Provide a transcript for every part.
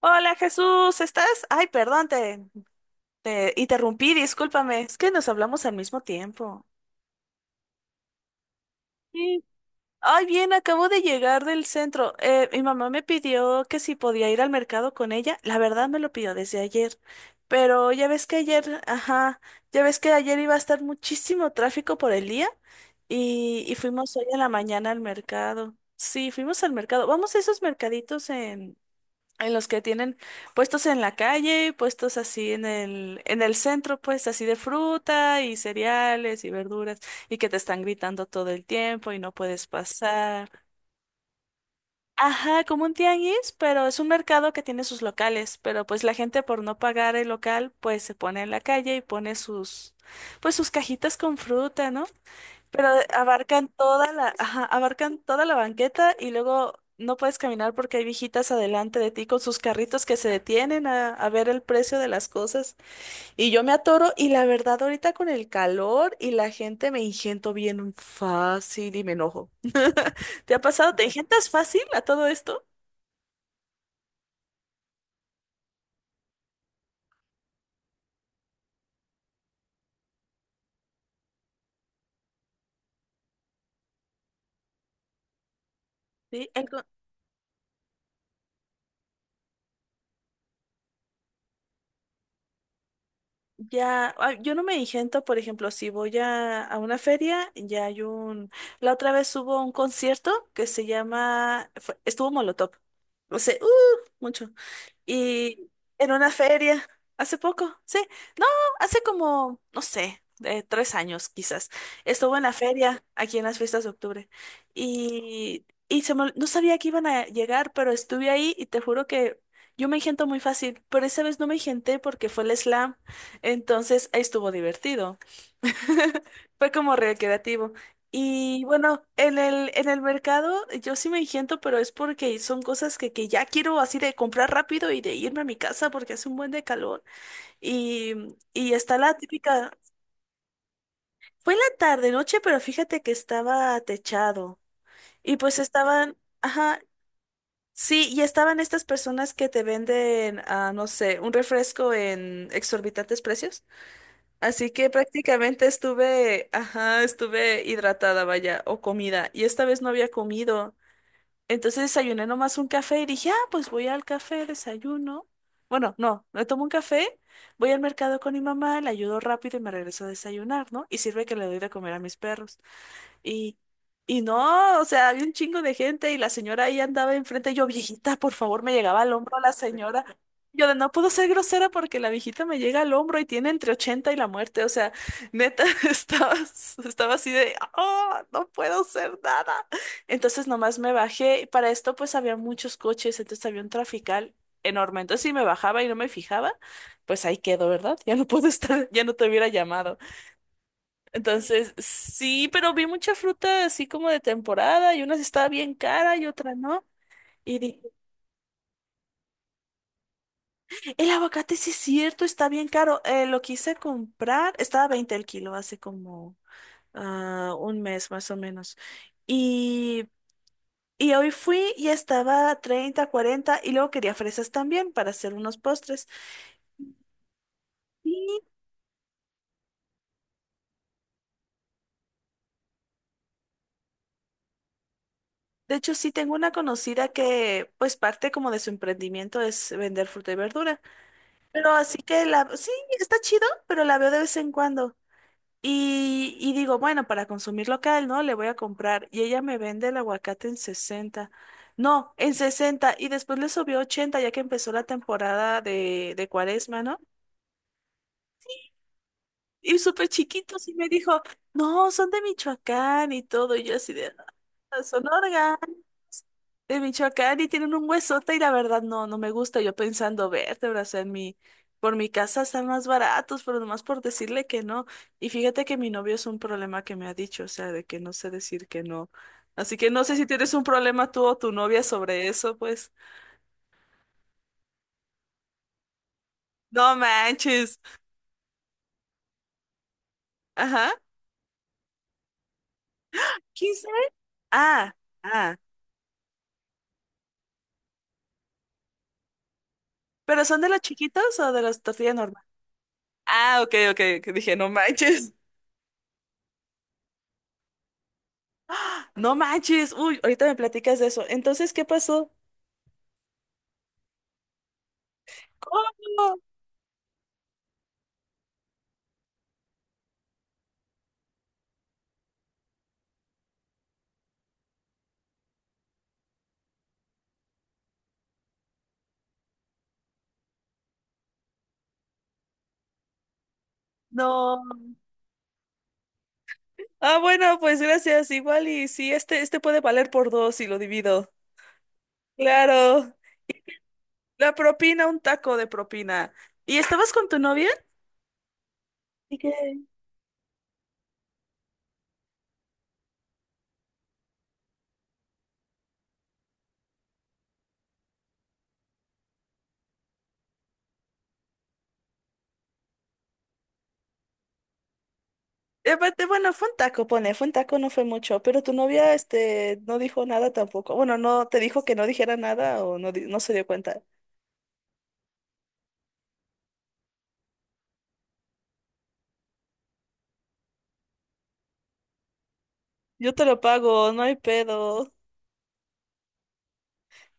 Hola Jesús, ¿estás? Ay, perdón, te interrumpí, discúlpame. Es que nos hablamos al mismo tiempo. Sí. Ay, bien, acabo de llegar del centro. Mi mamá me pidió que si podía ir al mercado con ella. La verdad me lo pidió desde ayer. Pero ya ves que ayer, ajá, ya ves que ayer iba a estar muchísimo tráfico por el día y fuimos hoy en la mañana al mercado. Sí, fuimos al mercado. Vamos a esos mercaditos en los que tienen puestos en la calle, puestos así en el centro, pues así de fruta y cereales y verduras, y que te están gritando todo el tiempo y no puedes pasar. Ajá, como un tianguis, pero es un mercado que tiene sus locales, pero pues la gente por no pagar el local, pues se pone en la calle y pone sus cajitas con fruta, ¿no? Pero abarcan toda la, ajá, abarcan toda la banqueta y luego no puedes caminar porque hay viejitas adelante de ti con sus carritos que se detienen a ver el precio de las cosas. Y yo me atoro y la verdad ahorita con el calor y la gente me ingento bien fácil y me enojo. ¿Te ha pasado? ¿Te ingentas fácil a todo esto? Sí. Ya, yo no me ingento, por ejemplo, si voy a una feria, ya hay un... La otra vez hubo un concierto que se llama... estuvo Molotov. O sea, ¡uh! Mucho. Y en una feria, hace poco, sí, no, hace como, no sé, 3 años quizás, estuvo en la feria aquí en las fiestas de octubre y no sabía que iban a llegar, pero estuve ahí y te juro que yo me engento muy fácil, pero esa vez no me engenté porque fue el slam, entonces ahí estuvo divertido. Fue como recreativo. Y bueno, en el mercado yo sí me engento, pero es porque son cosas que ya quiero así de comprar rápido y de irme a mi casa porque hace un buen de calor. Y, y está la típica, fue en la tarde, noche, pero fíjate que estaba techado. Y pues estaban, ajá, sí, y estaban estas personas que te venden, no sé, un refresco en exorbitantes precios. Así que prácticamente estuve, ajá, estuve hidratada, vaya, o comida. Y esta vez no había comido. Entonces desayuné nomás un café y dije, pues voy al café, desayuno. Bueno, no, me tomo un café, voy al mercado con mi mamá, le ayudo rápido y me regreso a desayunar, ¿no? Y sirve que le doy de comer a mis perros. Y, y no, o sea, había un chingo de gente y la señora ahí andaba enfrente. Y yo, viejita, por favor, me llegaba al hombro la señora. Yo de no puedo ser grosera porque la viejita me llega al hombro y tiene entre 80 y la muerte. O sea, neta, estaba, estaba así de, oh, no puedo hacer nada. Entonces nomás me bajé. Para esto pues había muchos coches, entonces había un trafical enorme. Entonces si me bajaba y no me fijaba, pues ahí quedo, ¿verdad? Ya no puedo estar, ya no te hubiera llamado. Entonces, sí, pero vi mucha fruta así como de temporada y una sí estaba bien cara y otra no. Y dije, el aguacate sí es cierto, está bien caro. Lo quise comprar, estaba 20 el kilo hace como un mes más o menos. Y, y hoy fui y estaba a 30, 40 y luego quería fresas también para hacer unos postres. Y de hecho sí tengo una conocida que pues parte como de su emprendimiento es vender fruta y verdura. Pero así que sí, está chido, pero la veo de vez en cuando. Y digo, bueno, para consumir local, ¿no? Le voy a comprar. Y ella me vende el aguacate en 60. No, en 60. Y después le subió 80 ya que empezó la temporada de cuaresma, ¿no? Y súper chiquitos. Y me dijo, no, son de Michoacán y todo. Y yo así de, "Ah, son orgánicos, de Michoacán y tienen un huesote y la verdad no, no me gusta. Yo pensando, verte, brazo en mi, por mi casa están más baratos, pero nomás por decirle que no." Y fíjate que mi novio es un problema que me ha dicho, o sea, de que no sé decir que no. Así que no sé si tienes un problema tú o tu novia sobre eso, pues. No manches. Ajá. ¿Quince? Ah, ah. ¿Pero son de los chiquitos o de los tortillas normales? Ah, ok, ok, que dije, no manches. ¡Ah! No manches. Uy, ahorita me platicas de eso. Entonces, ¿qué pasó? ¿Cómo? No. Ah, bueno, pues gracias. Igual y si este puede valer por dos y lo divido. Claro. La propina, un taco de propina. ¿Y estabas con tu novia? ¿Y qué? Y aparte, bueno, fue un taco, no fue mucho, pero tu novia, este, no dijo nada tampoco. Bueno, no, te dijo que no dijera nada o no, no se dio cuenta. Yo te lo pago, no hay pedo.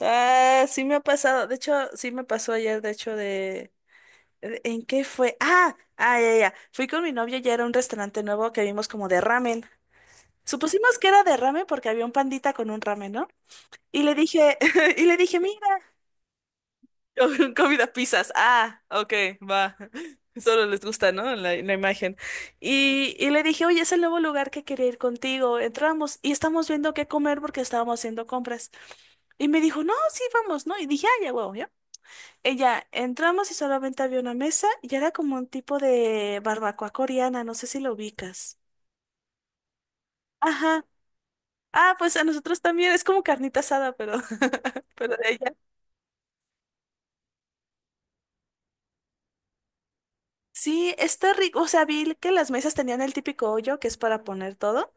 Ah, sí me ha pasado. De hecho, sí me pasó ayer, de hecho, ¿En qué fue? Ah, ah, ya, ya. Fui con mi novio ya era un restaurante nuevo que vimos como de ramen. Supusimos que era de ramen porque había un pandita con un ramen, ¿no? Y le dije, y le dije, mira, comida pizzas. Ah, ok, va. Solo les gusta, ¿no? La imagen. Y le dije, oye, es el nuevo lugar que quería ir contigo. Entramos y estamos viendo qué comer porque estábamos haciendo compras. Y me dijo, no, sí, vamos, ¿no? Y dije, ya, huevo, ella, entramos y solamente había una mesa y era como un tipo de barbacoa coreana, no sé si lo ubicas. Ajá. Ah, pues a nosotros también, es como carnita asada, pero, pero de ella. Sí, está rico, o sea, vi que las mesas tenían el típico hoyo que es para poner todo.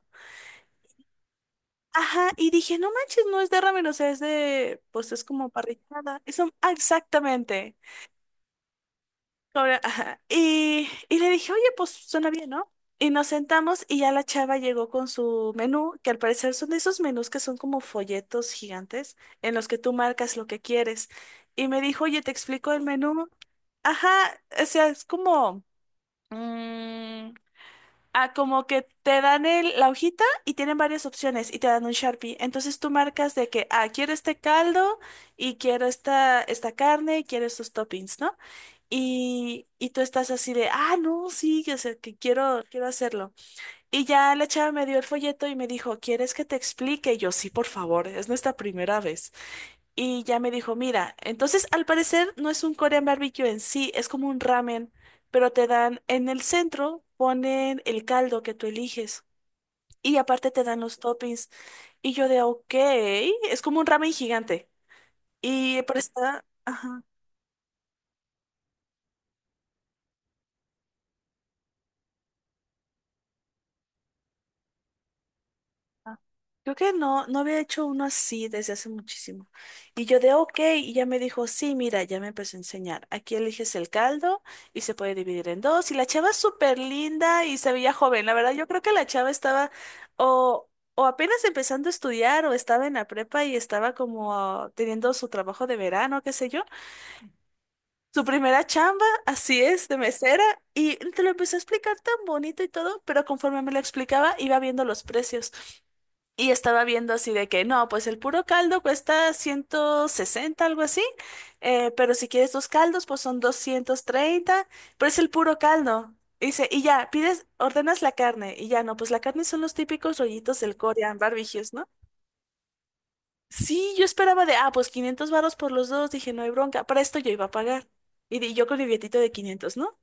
Ajá, y dije, no manches, no es de ramen, o sea, es de, pues es como parrillada. Eso, exactamente. Cobra, ajá. Y le dije, oye, pues suena bien, ¿no? Y nos sentamos y ya la chava llegó con su menú, que al parecer son de esos menús que son como folletos gigantes en los que tú marcas lo que quieres. Y me dijo, oye, te explico el menú. Ajá, o sea, es mm, como que te dan la hojita y tienen varias opciones y te dan un Sharpie. Entonces tú marcas de que, quiero este caldo y quiero esta carne y quiero estos toppings, ¿no? Y tú estás así de, no, sí, o sea, que quiero hacerlo. Y ya la chava me dio el folleto y me dijo, ¿quieres que te explique? Y yo, sí, por favor, es nuestra primera vez. Y ya me dijo, mira, entonces al parecer no es un Korean barbecue en sí, es como un ramen, pero te dan en el centro, ponen el caldo que tú eliges y aparte te dan los toppings. Y yo de, ok, es como un ramen gigante. Y pero está... ajá. Ah, creo que no, no había hecho uno así desde hace muchísimo. Y yo de ok, y ya me dijo, sí, mira, ya me empezó a enseñar. Aquí eliges el caldo y se puede dividir en dos. Y la chava es súper linda y se veía joven. La verdad, yo creo que la chava estaba o, o apenas empezando a estudiar o estaba en la prepa y estaba como teniendo su trabajo de verano, qué sé yo. Su primera chamba, así es, de mesera. Y te lo empezó a explicar tan bonito y todo, pero conforme me lo explicaba, iba viendo los precios. Y estaba viendo así de que, no, pues el puro caldo cuesta 160 algo así, pero si quieres dos caldos, pues son 230, pero es el puro caldo. Dice, y ya, pides, ordenas la carne, y ya, no, pues la carne son los típicos rollitos del Korean barbecues, ¿no? Sí, yo esperaba de, pues 500 varos por los dos, dije, no hay bronca, para esto yo iba a pagar. Y yo con mi billetito de 500, ¿no?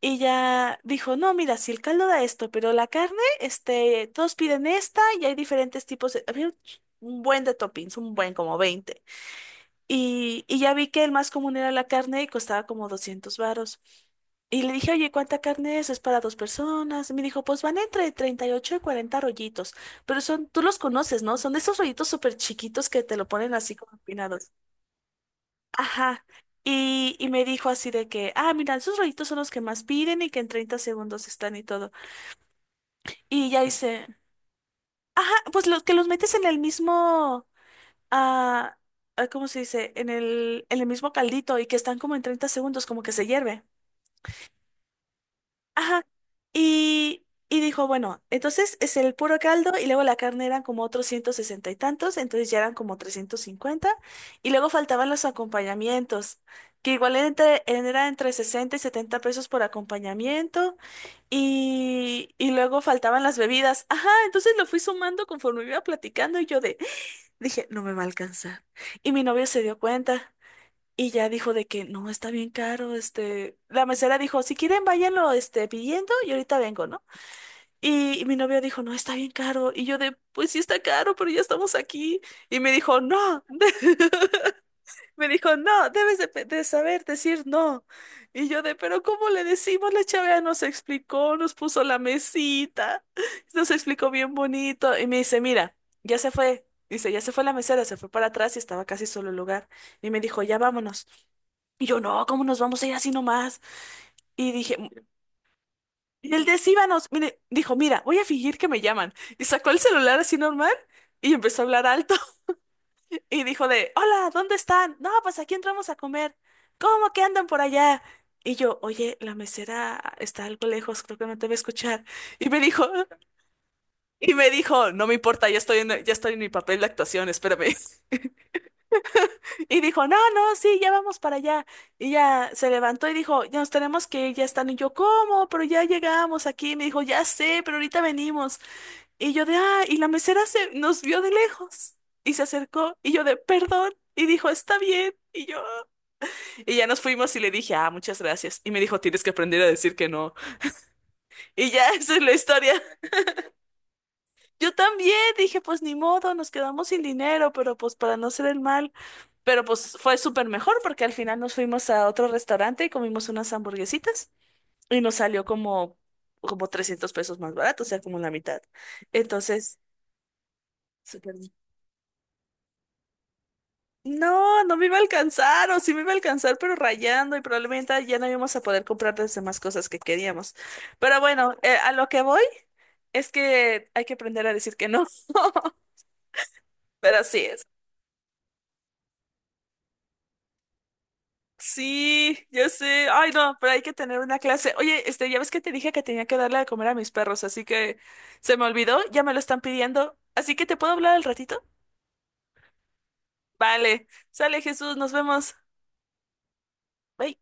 Y ya dijo, no, mira, si el caldo da esto, pero la carne, este, todos piden esta y hay diferentes tipos de... Había un un buen de toppings, un buen como 20. Y ya vi que el más común era la carne y costaba como 200 varos. Y le dije, oye, ¿cuánta carne es? Es para dos personas. Y me dijo, pues van entre 38 y 40 rollitos. Pero son, tú los conoces, ¿no? Son de esos rollitos súper chiquitos que te lo ponen así como empinados. Ajá. Y me dijo así de que, mira, esos rollitos son los que más piden y que en 30 segundos están y todo. Y ya hice, ajá, pues los que los metes en el mismo, ah, ¿cómo se dice? En el mismo caldito y que están como en 30 segundos, como que se hierve. Ajá. Y dijo, bueno, entonces es el puro caldo y luego la carne eran como otros 160 y tantos, entonces ya eran como 350 y luego faltaban los acompañamientos, que igual era era entre 60 y 70 pesos por acompañamiento y luego faltaban las bebidas. Ajá, entonces lo fui sumando conforme iba platicando y yo de, dije, no me va a alcanzar. Y mi novio se dio cuenta. Y ya dijo de que no, está bien caro, la mesera dijo, si quieren váyanlo, pidiendo y ahorita vengo, ¿no? Y mi novio dijo, no, está bien caro. Y yo de, pues sí está caro, pero ya estamos aquí. Y me dijo, no. Me dijo, no, debes de saber decir no. Y yo de, pero ¿cómo le decimos? La chava nos explicó, nos puso la mesita, nos explicó bien bonito. Y me dice, mira, ya se fue. Dice, ya se fue la mesera, se fue para atrás y estaba casi solo el lugar. Y me dijo, ya vámonos. Y yo, no, ¿cómo nos vamos a ir así nomás? Y dije, "Mm". Y él de, "Sí, vámonos". Mire, dijo, mira, voy a fingir que me llaman. Y sacó el celular así normal y empezó a hablar alto. Y dijo de, hola, ¿dónde están? No, pues aquí entramos a comer. ¿Cómo que andan por allá? Y yo, oye, la mesera está algo lejos, creo que no te va a escuchar. Y me dijo, y me dijo, no me importa, ya estoy en mi papel de actuación, espérame. Y dijo, no, no, sí, ya vamos para allá. Y ya se levantó y dijo, ya nos tenemos que ir, ya están. Y yo, ¿cómo? Pero ya llegamos aquí. Me dijo, ya sé, pero ahorita venimos. Y yo de, ah, y la mesera se nos vio de lejos y se acercó y yo de, perdón, y dijo, está bien, y yo, y ya nos fuimos y le dije, ah, muchas gracias, y me dijo, tienes que aprender a decir que no, y ya esa es la historia. Yo también dije, pues ni modo, nos quedamos sin dinero, pero pues para no ser el mal, pero pues fue súper mejor porque al final nos fuimos a otro restaurante y comimos unas hamburguesitas y nos salió como, como 300 pesos más barato, o sea, como la mitad. Entonces... súper No, no me iba a alcanzar, o sí me iba a alcanzar, pero rayando, y probablemente ya no íbamos a poder comprar las demás cosas que queríamos. Pero bueno, a lo que voy es que hay que aprender a decir que no. Pero así es. Sí, yo sé. Ay, no, pero hay que tener una clase. Oye, este, ya ves que te dije que tenía que darle de comer a mis perros, así que se me olvidó, ya me lo están pidiendo. Así que te puedo hablar al ratito. Vale, sale Jesús, nos vemos. Bye.